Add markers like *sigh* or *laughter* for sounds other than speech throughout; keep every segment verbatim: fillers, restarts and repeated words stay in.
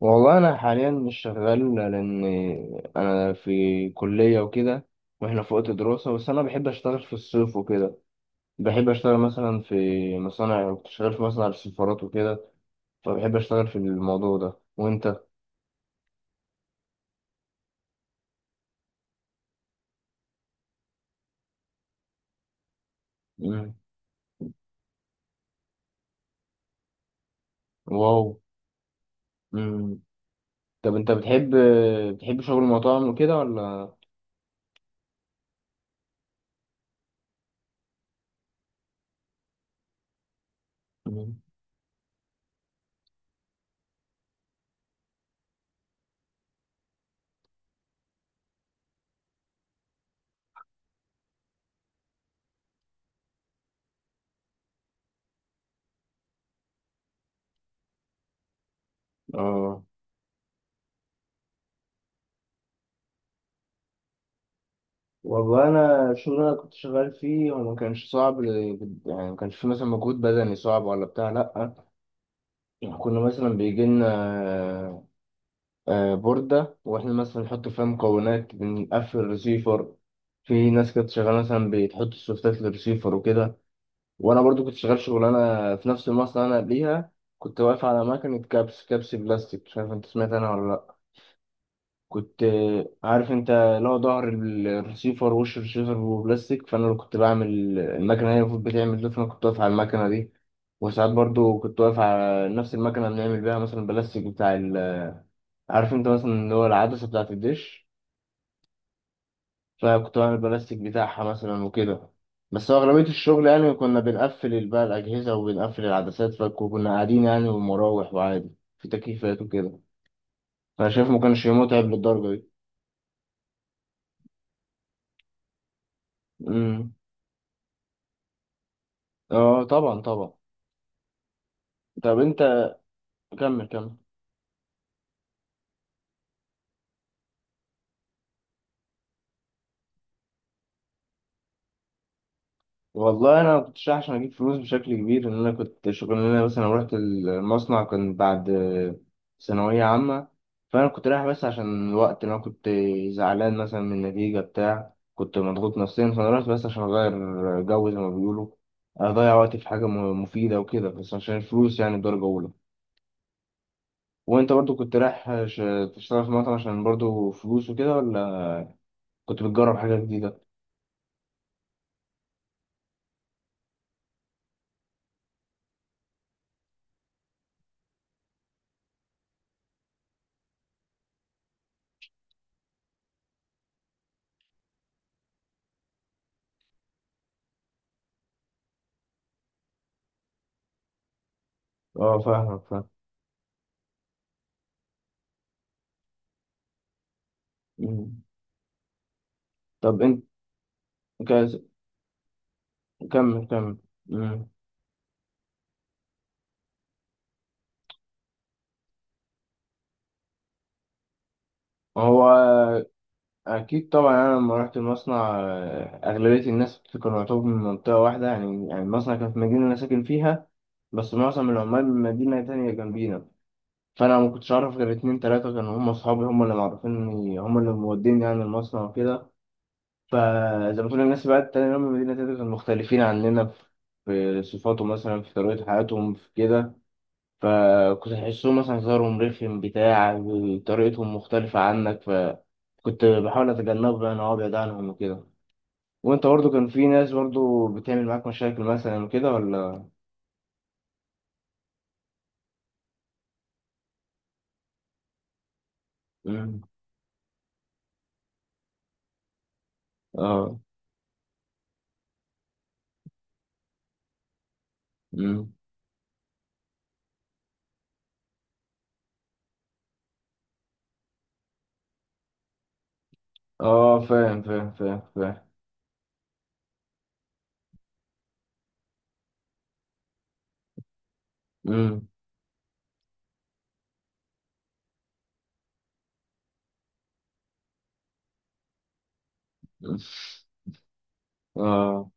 والله انا حاليا مش شغال، لان انا في كليه وكده، واحنا في وقت دراسه. بس انا بحب اشتغل في الصيف وكده. بحب اشتغل مثلا في مصانع. كنت شغال في مصنع السفارات وكده، فبحب اشتغل في الموضوع ده. وانت؟ مم. واو. مم. طب انت بتحب بتحب شغل المطاعم وكده ولا؟ مم. اه. والله انا الشغل اللي انا كنت شغال فيه هو ما كانش صعب، ل- يعني ما كانش فيه مثلا مجهود بدني صعب ولا بتاع، لا. يعني كنا مثلا بيجي لنا آه، آه، بوردة، واحنا مثلا نحط فيها مكونات، بنقفل الريسيفر. في ناس كانت شغالة مثلا بتحط السوفتات للريسيفر وكده، وأنا برضو كنت شغال شغلانة في نفس المصنع أنا قبليها. كنت واقف على مكنة كبس، كبس بلاستيك. مش عارف أنت سمعت عنها ولا لأ؟ كنت آه، عارف أنت لو ظهر الريسيفر، وش الريسيفر هو بلاستيك، فأنا اللي كنت بعمل. المكنة هي المفروض بتعمل ده، فأنا كنت واقف على المكنة دي. وساعات برضو كنت واقف على نفس المكنة بنعمل بيها مثلا البلاستيك بتاع ال، عارف انت مثلا اللي هو العدسة بتاعة الدش. فكنت بعمل بلاستيك بتاعها مثلا وكده. بس هو أغلبية الشغل يعني كنا بنقفل بقى الأجهزة وبنقفل العدسات، فكنا قاعدين يعني ومراوح وعادي، في تكييفات وكده. فأنا شايف ما كانش متعب للدرجة دي. امم. اه طبعا طبعا. طب انت، كمل كمل. والله انا ما كنتش عشان اجيب فلوس بشكل كبير، ان انا كنت شغلانه مثلا رحت المصنع كان بعد ثانويه عامه. فانا كنت رايح بس عشان الوقت، انا كنت زعلان مثلا من النتيجه بتاع، كنت مضغوط نفسيا، فانا رحت بس عشان اغير جو زي ما بيقولوا، اضيع وقتي في حاجه م- مفيده وكده، بس عشان الفلوس يعني درجه اولى. وانت برضو كنت رايح ش- تشتغل في مطعم عشان برضو فلوس وكده، ولا كنت بتجرب حاجه جديده؟ اه فاهمك فاهم. مم. طب انت كاز- كمل كمل. هو أكيد طبعا. يعني أنا لما رحت المصنع آه، أغلبية الناس كانوا يعتبروا من منطقة واحدة. يعني يعني المصنع كان في مدينة أنا ساكن فيها، بس معظم العمال من مدينة تانية جنبينا. فأنا ما كنتش أعرف غير اتنين تلاتة كانوا هم أصحابي، هم اللي معرفيني، هم اللي موديني يعني المصنع وكده. فزي ما تقول الناس بقى التانية اللي هم من مدينة تانية كانوا مختلفين عننا في في صفاتهم، مثلا في طريقة حياتهم، في كده. فكنت تحسهم مثلا هزارهم رخم بتاع، طريقتهم مختلفة عنك، فكنت بحاول أتجنبه يعني أو أبعد عنهم وكده. وأنت برضو كان في ناس برضو بتعمل معاك مشاكل مثلا وكده ولا؟ مم. آه. مم. آه فاهم فاهم فاهم فاهم. مم. *laughs* مم. آه.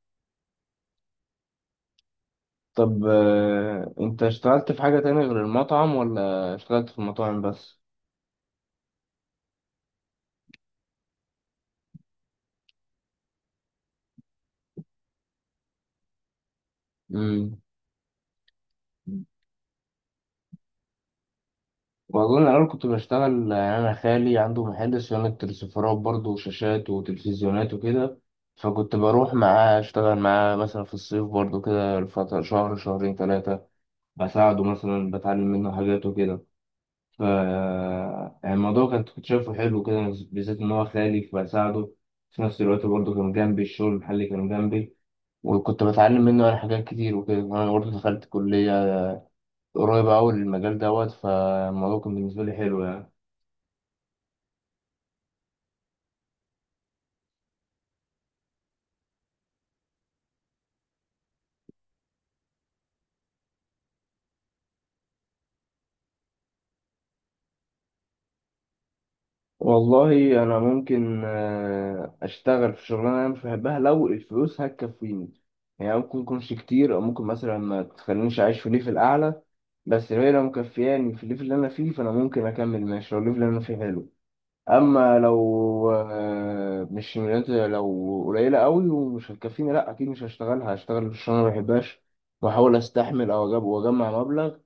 طب آه، أنت اشتغلت في حاجة تانية غير المطعم ولا اشتغلت في المطاعم بس؟ مم. والله أنا الأول كنت بشتغل، يعني أنا خالي عنده محل صيانة تلسفرات برضه وشاشات وتلفزيونات وكده. فكنت بروح معاه أشتغل معاه مثلا في الصيف برضه كده لفترة شهر شهرين تلاتة، بساعده مثلا بتعلم منه حاجات وكده. ف، يعني الموضوع كنت كنت شايفه حلو كده، بالذات إن هو خالي فبساعده. في نفس الوقت برضه كان جنبي الشغل، المحل كان جنبي، وكنت بتعلم منه أنا حاجات كتير وكده، وأنا برضه دخلت كلية قريبة أوي للمجال دوت. فالموضوع كان بالنسبة لي حلو يعني. والله انا ممكن آه، اشتغل في شغلانه انا مش بحبها لو الفلوس هتكفيني. يعني ممكن تكونش كتير او ممكن مثلا ما تخلينيش اعيش في ليفل اعلى، بس لو هي لو مكفياني في الليفل اللي انا فيه فانا ممكن اكمل ماشي لو الليفل اللي انا فيه حلو. اما لو آه، مش مليون- لو قليله قوي ومش هتكفيني، لا اكيد مش هشتغلها، هشتغل في الشغلانه ما بحبهاش، واحاول استحمل او اجيب واجمع مبلغ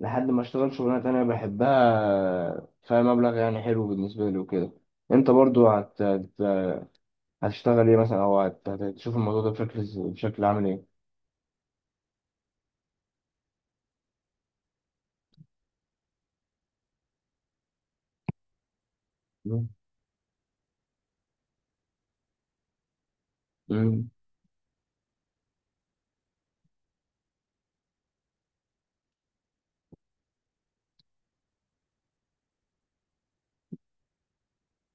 لحد ما اشتغل شغلانة تانية بحبها فيها مبلغ يعني حلو بالنسبة لي وكده. انت برضو هت... هت- هتشتغل ايه مثلا، او هت... هتشوف الموضوع ده بشكل ز- بشكل عامل ايه؟ مم. مم.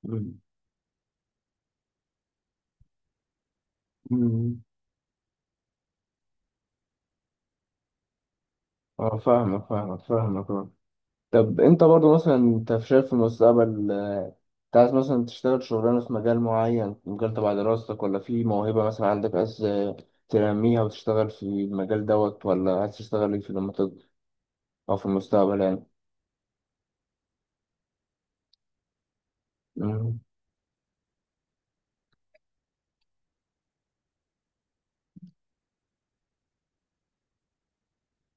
مم. مم. اه فاهمك فاهمك فاهمك آه. طب انت برضو مثلا انت شايف في المستقبل، آه، انت عايز مثلا تشتغل شغلانة في مجال معين، في مجال تبع دراستك، ولا في موهبة مثلا عندك عايز آه، تنميها وتشتغل في المجال دوت، ولا عايز تشتغل ايه في لما تكبر او في المستقبل؟ يعني.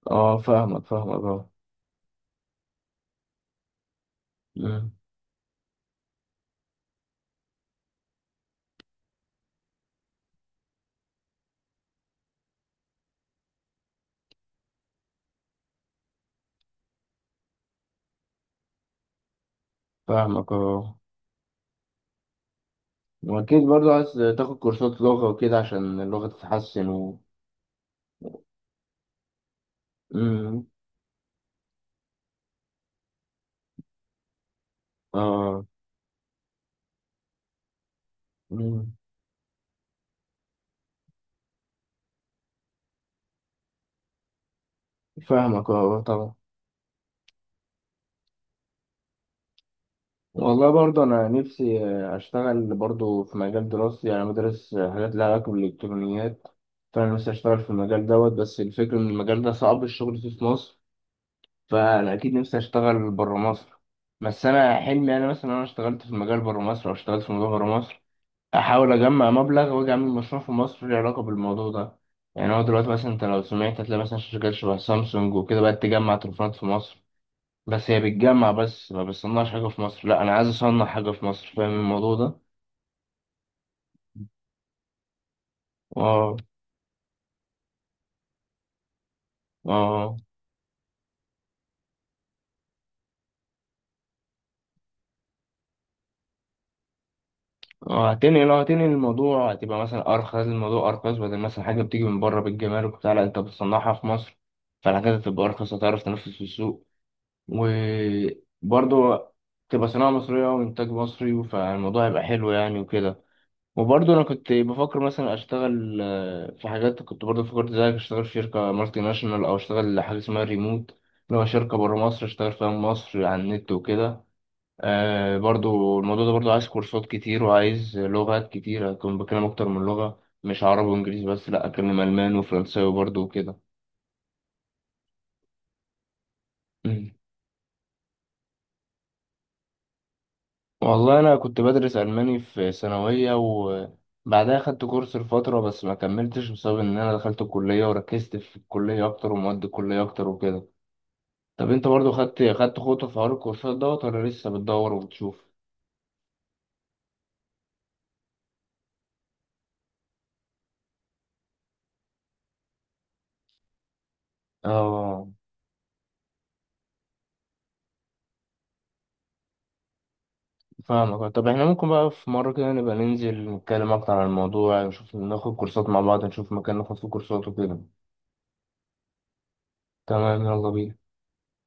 اه فاهمك فاهمك اه. مم. فاهمك اه. واكيد برضو عايز تاخد كورسات لغة وكده عشان اللغة تتحسن و... مم. اه. مم. فاهمك اه اه، طبعا. والله برضو انا نفسي آه، اشتغل برضو في مجال دراستي. يعني أنا بدرس آه، حاجات لها علاقة بالالكترونيات، فانا نفسي اشتغل في المجال دوت. بس الفكرة ان المجال ده صعب الشغل فيه في مصر، فانا اكيد نفسي اشتغل برا مصر. بس انا حلمي انا مثلا انا اشتغلت في المجال برا مصر او اشتغلت في مجال برا مصر، احاول اجمع مبلغ واجي اعمل مشروع في مصر له علاقه بالموضوع ده. يعني هو دلوقتي مثلا انت لو سمعت هتلاقي مثلا شركات شبه سامسونج وكده بقت تجمع تليفونات في مصر، بس هي بتجمع بس ما بتصنعش حاجه في مصر، لا انا عايز اصنع حاجه في مصر. فاهم الموضوع ده؟ اه. اه اه هتنقل، لو هتنقل الموضوع هتبقى مثلا ارخص، الموضوع ارخص بدل مثلا حاجه بتيجي من بره بالجمارك وبتاع، لا انت بتصنعها في مصر، فالحاجات هتبقى ارخص، هتعرف تنافس في السوق وبرضه تبقى صناعة مصرية وإنتاج مصري، فالموضوع هيبقى حلو يعني وكده. وبرضه أنا كنت بفكر مثلا أشتغل آه، في حاجات. كنت برضه فكرت زيك أشتغل في شركة مالتي ناشونال، أو أشتغل حاجة اسمها ريموت، اللي هو شركة برا مصر أشتغل فيها من مصر على النت وكده. آه برضه الموضوع ده برضه عايز كورسات كتير وعايز لغات كتير، أكون بكلم أكتر من لغة، مش عربي وإنجليزي بس، لأ أكلم ألماني وفرنساوي برضه وكده. والله أنا كنت بدرس ألماني في ثانوية وبعدها خدت كورس لفترة، بس ما كملتش بسبب إن أنا دخلت الكلية وركزت في الكلية أكتر ومواد الكلية أكتر وكده. طب أنت برضو خدت خدت خطوة في حوار الكورسات دوت ولا لسه بتدور وبتشوف؟ اه فاهمك. طب احنا ممكن بقى في مرة كده نبقى ننزل نتكلم أكتر عن الموضوع، نشوف ناخد كورسات مع بعض، نشوف مكان ناخد فيه كورسات وكده. تمام يلا بينا.